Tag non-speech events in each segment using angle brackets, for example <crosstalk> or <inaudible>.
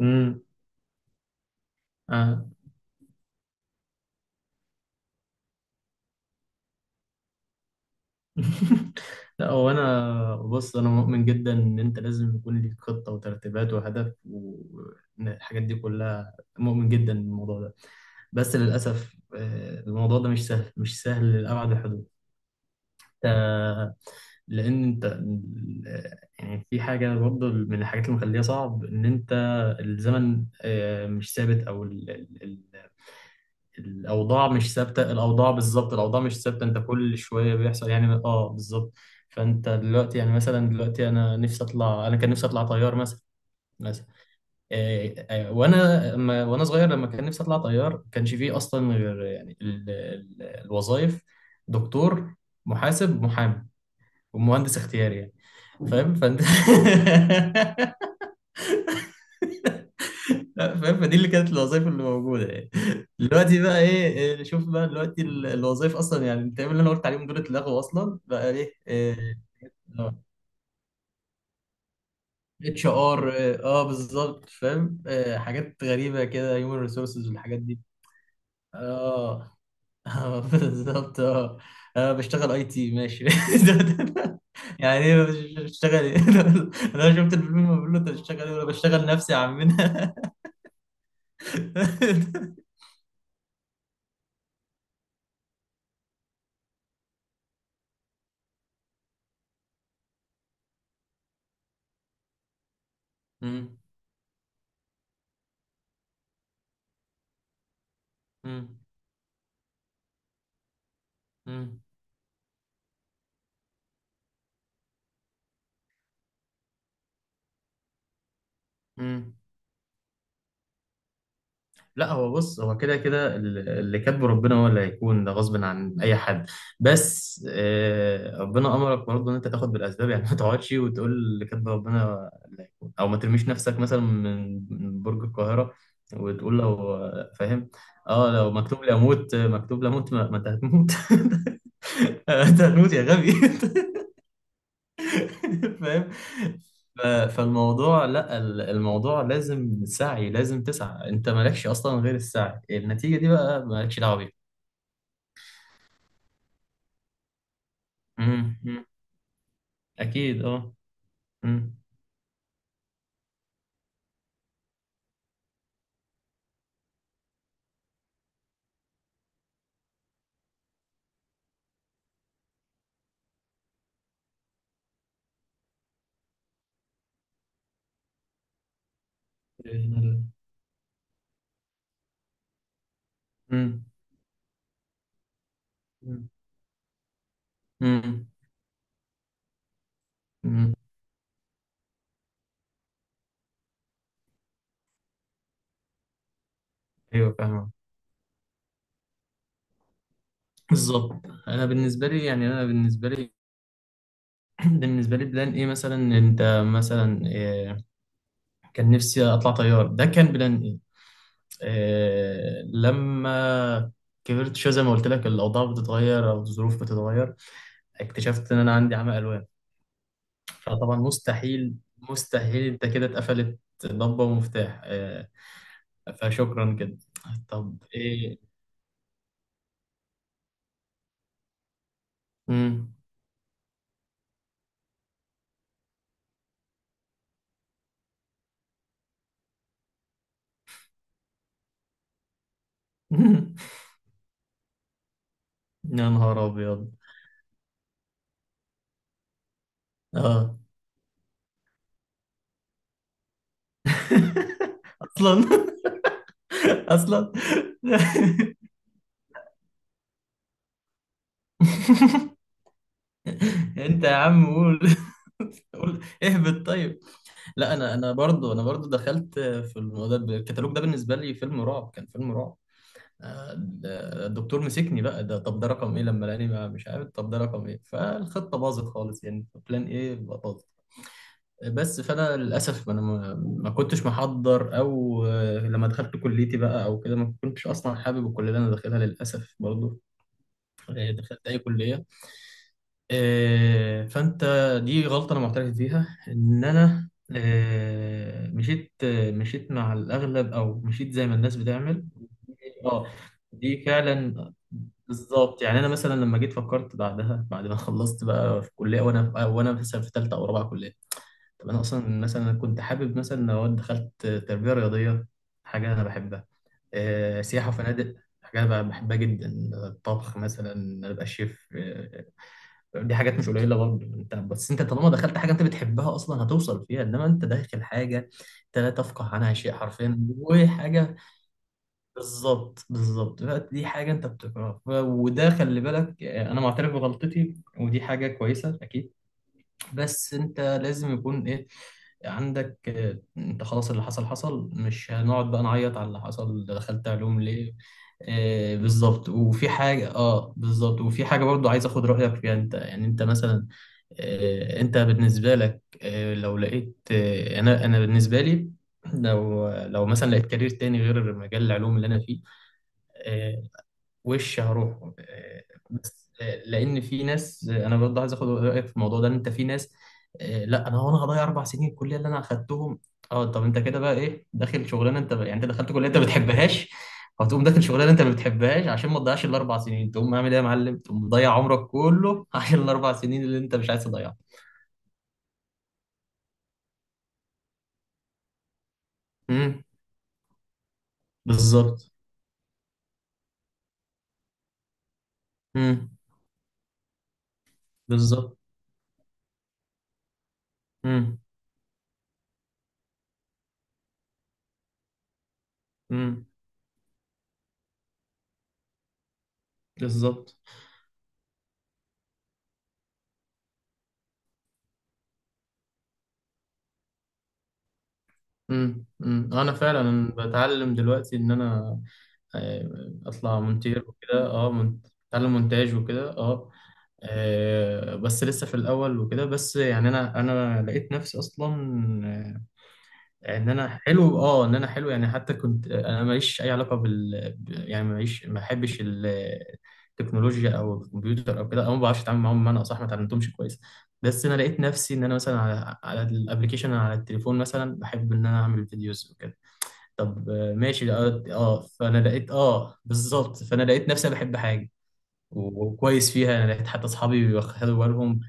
امم آه. <laughs> لا، هو انا بص انا مؤمن جدا ان انت لازم يكون ليك خطه وترتيبات وهدف والحاجات دي كلها. مؤمن جدا بالموضوع ده. بس للاسف، الموضوع ده مش سهل، مش سهل لابعد الحدود. آه، لان انت يعني في حاجه برضه من الحاجات اللي مخليها صعب ان انت الزمن مش ثابت او الاوضاع مش ثابته، الاوضاع بالظبط، الاوضاع مش ثابته، انت كل شويه بيحصل يعني، بالظبط. فانت دلوقتي يعني مثلا دلوقتي انا كان نفسي اطلع طيار مثلا. مثلا، إيه، إيه، وانا صغير لما كان نفسي اطلع طيار، ما كانش فيه اصلا غير يعني الوظائف: دكتور، محاسب، محامي، ومهندس اختياري يعني. فاهم فانت. <laughs> لا، فاهم، فدي اللي كانت الوظائف اللي موجوده يعني. <laughs> دلوقتي بقى ايه؟ نشوف بقى دلوقتي الوظائف اصلا، يعني انت اللي انا قلت عليهم دول اتلغوا اصلا، بقى ايه؟ إيه، إيه، HR، بالظبط، فاهم. حاجات غريبه كده، هيومن ريسورسز والحاجات دي. اه <laughs> بالظبط. اه انا بشتغل IT، ماشي. <laughs> يعني ايه، مش بشتغل ايه؟ <laughs> انا شفت الفيلم، بقول له: انت بتشتغل ايه ولا بشتغل؟ نفسي يا عمنا. <laughs> مم. مم. مم. مم. لا، هو بص، هو كده كده اللي كاتبه ربنا هو اللي هيكون، ده غصب عن اي حد. بس ربنا امرك برضه ان انت تاخد بالاسباب، يعني ما تقعدش وتقول اللي كاتبه ربنا اللي هيكون، او ما ترميش نفسك مثلا من برج القاهره وتقول: لو فاهم، اه لو مكتوب لي اموت، مكتوب لي اموت. ما انت هتموت. <laughs> انت هتموت يا غبي. <laughs> <laughs> فاهم. فالموضوع لا، الموضوع لازم سعي، لازم تسعى. انت مالكش اصلا غير السعي، النتيجة دي بقى مالكش دعوة بيها. مم، مم. اكيد، مم. مم. مم. مم. مم. ايوه، فاهمة، بالظبط. انا بالنسبة لي يعني، انا بالنسبة لي <clears throat> بالنسبة لي بلان ايه، مثلا انت، مثلا كان نفسي اطلع طيار، ده كان بلان. لما كبرت شوية زي ما قلت لك، الأوضاع بتتغير أو الظروف بتتغير، اكتشفت إن أنا عندي عمى ألوان، فطبعا مستحيل، مستحيل، أنت كده اتقفلت ضبة ومفتاح. فشكرا كده. طب إيه؟ مم. <laughs> يا نهار أبيض. آه <laughs> أصلا، أصلا. <laughs> أنت يا عم قول، قول اهبط طيب. لا، انا برضو دخلت في الموضوع ده، الكتالوج ده بالنسبه لي فيلم رعب، كان فيلم رعب. آه، الدكتور مسكني بقى، ده طب ده رقم ايه؟ لما لقاني مش عارف طب ده رقم ايه، فالخطه باظت خالص يعني، بلان ايه باظت. بس فانا للاسف انا ما كنتش محضر، او لما دخلت كليتي بقى او كده، ما كنتش اصلا حابب الكليه اللي انا داخلها للاسف برضو. دخلت أي كلية. فانت، دي غلطه انا معترف بيها، ان انا مشيت مع الاغلب، او مشيت زي ما الناس بتعمل. اه دي فعلا بالظبط. يعني انا مثلا لما جيت فكرت بعدها، بعد ما خلصت بقى في كليه، وانا مثلا في ثالثه او رابعه كليه، طب انا اصلا مثلا كنت حابب مثلا لو دخلت تربيه رياضيه، حاجه انا بحبها. سياحه وفنادق، حاجه انا بحبها جدا. الطبخ مثلا، ابقى شيف. دي حاجات مش قليله برضه انت، بس انت طالما دخلت حاجه انت بتحبها اصلا هتوصل فيها، انما انت داخل حاجه انت لا تفقه عنها شيء حرفيا، وحاجه، بالظبط، بالظبط، بقى دي حاجه انت بتكرهها. وده خلي بالك. انا معترف بغلطتي، ودي حاجه كويسه اكيد. بس انت لازم يكون ايه عندك، انت خلاص اللي حصل حصل، مش هنقعد بقى نعيط على اللي حصل، ده دخلت علوم ليه؟ بالظبط، وفي حاجة. اه بالظبط، وفي حاجة برضو عايز اخد رأيك فيها، انت يعني انت مثلا، انت بالنسبة لك، لو لقيت، انا بالنسبة لي، لو مثلا لقيت كارير تاني غير مجال العلوم اللي انا فيه، آه، وش هروحه. بس لان في ناس، انا برضه عايز اخد رايك في الموضوع ده انت، في ناس، لا انا، وانا هضيع 4 سنين الكليه اللي انا اخدتهم؟ اه طب انت كده بقى ايه، داخل شغلانه انت يعني، انت دخلت كليه انت ما بتحبهاش، فتقوم داخل شغلانه انت ما بتحبهاش عشان ما تضيعش الاربع سنين؟ تقوم عامل ايه يا معلم؟ تقوم مضيع عمرك كله <laughs> عشان الاربع سنين اللي انت مش عايز تضيعها. امم، بالظبط. امم، بالظبط. امم، امم، بالظبط. انا فعلا بتعلم دلوقتي ان انا اطلع مونتير وكده، اتعلم مونتاج وكده. بس لسه في الاول وكده، بس يعني انا لقيت نفسي اصلا ان انا حلو يعني. حتى كنت انا ماليش اي علاقه يعني ماليش، ما بحبش التكنولوجيا او الكمبيوتر او كده، او ما بعرفش اتعامل معاهم، بمعنى اصح ما اتعلمتهمش كويس. بس انا لقيت نفسي ان انا مثلا على الابلكيشن، على التليفون مثلا بحب ان انا اعمل فيديوز وكده. طب ماشي. فانا لقيت، بالظبط، فانا لقيت نفسي أنا بحب حاجه، وكويس فيها، انا لقيت حتى اصحابي واخدوا بالهم.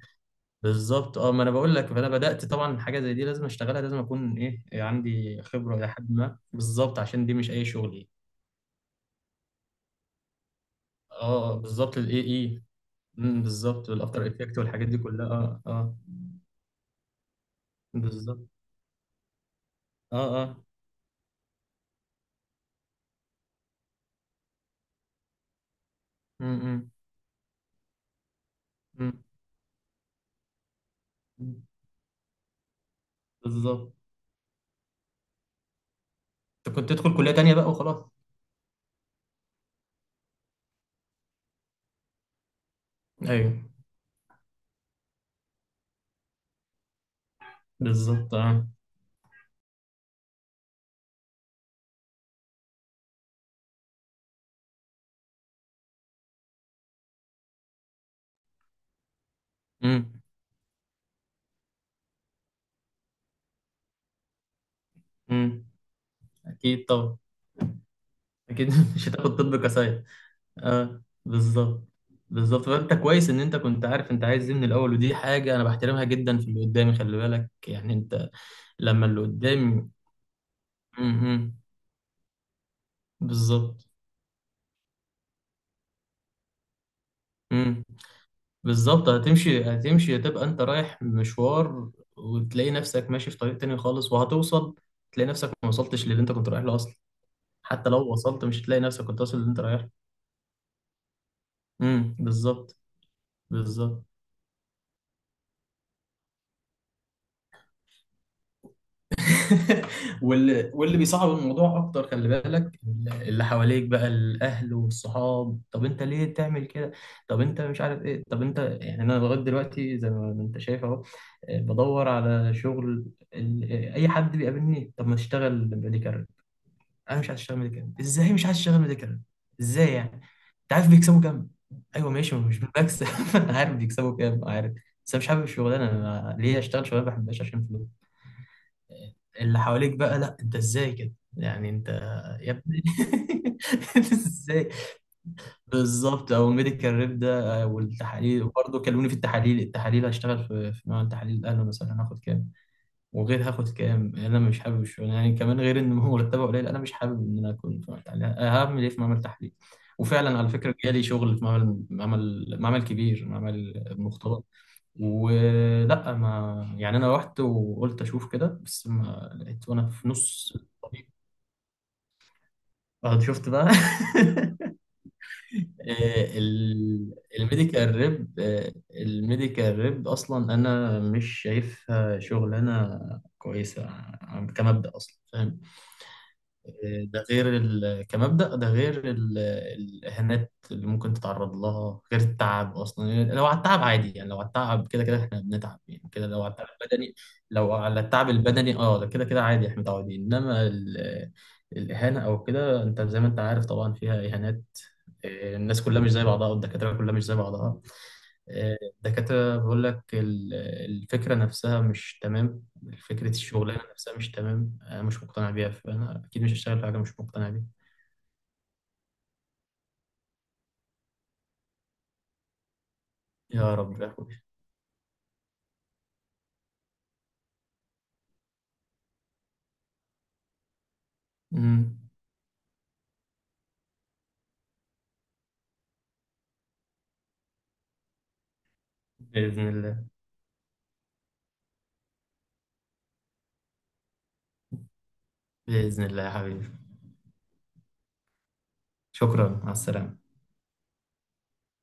بالظبط. اه ما انا بقول لك، فانا بدات طبعا حاجه زي دي لازم اشتغلها، لازم اكون ايه يعني عندي خبره الى حد ما، بالظبط، عشان دي مش اي شغل ايه. بالظبط، الاي اي. أمم، بالظبط، والافتر افكت والحاجات دي كلها. اه بالظبط. اه اه أمم، أمم، أمم، بالظبط. انت كنت تدخل كليه تانيه بقى وخلاص. ايوه، بالظبط. اه امم، أمم. اكيد طبعا، اكيد. <laughs> مش هتاخد طب كسايد. اه بالظبط، بالظبط. فانت كويس ان انت كنت عارف انت عايز ايه من الاول، ودي حاجه انا بحترمها جدا في اللي قدامي، خلي بالك يعني انت لما اللي قدامي. امم، بالظبط. امم، بالظبط. هتمشي، هتمشي، هتبقى انت رايح مشوار، وتلاقي نفسك ماشي في طريق تاني خالص، وهتوصل تلاقي نفسك ما وصلتش للي انت كنت رايح له اصلا. حتى لو وصلت مش هتلاقي نفسك كنت واصل للي انت رايح له. امم، بالظبط. بالظبط. <laughs> واللي بيصعب الموضوع اكتر، خلي بالك، اللي حواليك بقى الاهل والصحاب: طب انت ليه تعمل كده؟ طب انت مش عارف ايه؟ طب انت يعني انا لغايه دلوقتي زي ما انت شايف اهو، بدور على شغل. اي حد بيقابلني: طب ما تشتغل ميديكال. انا مش عايز اشتغل ميديكال. ازاي مش عايز اشتغل ميديكال؟ ازاي يعني؟ انت عارف بيكسبوا كام؟ ايوه ماشي، مش بكسب. <laughs> انا عارف بيكسبوا كام، عارف. بس انا مش حابب الشغلانه، أنا ليه اشتغل شغلانه ما بحبهاش عشان فلوس؟ اللي حواليك بقى: لا، انت ازاي كده، يعني انت، يا ابني. <laughs> انت ازاي؟ بالظبط. او ميديكال ريب ده، والتحاليل، وبرضه كلموني في التحاليل، التحاليل هشتغل في، في نوع التحاليل، الاهلي مثلا هاخد كام؟ وغير هاخد كام؟ انا مش حابب الشغل يعني، كمان غير ان هو مرتبه قليل، انا مش حابب ان انا اكون في معمل تحليل. هعمل ايه في معمل تحليل؟ وفعلا على فكره جالي شغل في معمل، معمل كبير، معمل مختبر، ولا ما، يعني انا رحت وقلت اشوف كده، بس ما لقيت وانا في نص الطريق بعد شفت بقى. <laughs> الميديكال ريب، الميديكال ريب اصلا انا مش شايفها شغلانه كويسه، كمبدأ اصلا فاهم، ده غير كمبدأ، ده غير الإهانات اللي ممكن تتعرض لها، غير التعب أصلا. يعني لو على التعب عادي يعني، لو على التعب كده كده إحنا بنتعب يعني، كده لو على التعب البدني، لو على التعب البدني أه، ده كده كده عادي، إحنا متعودين، إنما الإهانة أو كده، أنت زي ما أنت عارف طبعا فيها إهانات. الناس كلها مش زي بعضها، والدكاترة كلها مش زي بعضها، الدكاترة بقول لك الفكرة نفسها مش تمام، فكرة الشغلانة نفسها مش تمام، أنا مش مقتنع بيها، فأنا أكيد مش هشتغل في حاجة مش مقتنع بيها. يا رب يا أخوي. أمم، بإذن الله. بإذن الله يا حبيبي. شكرا، مع السلامة.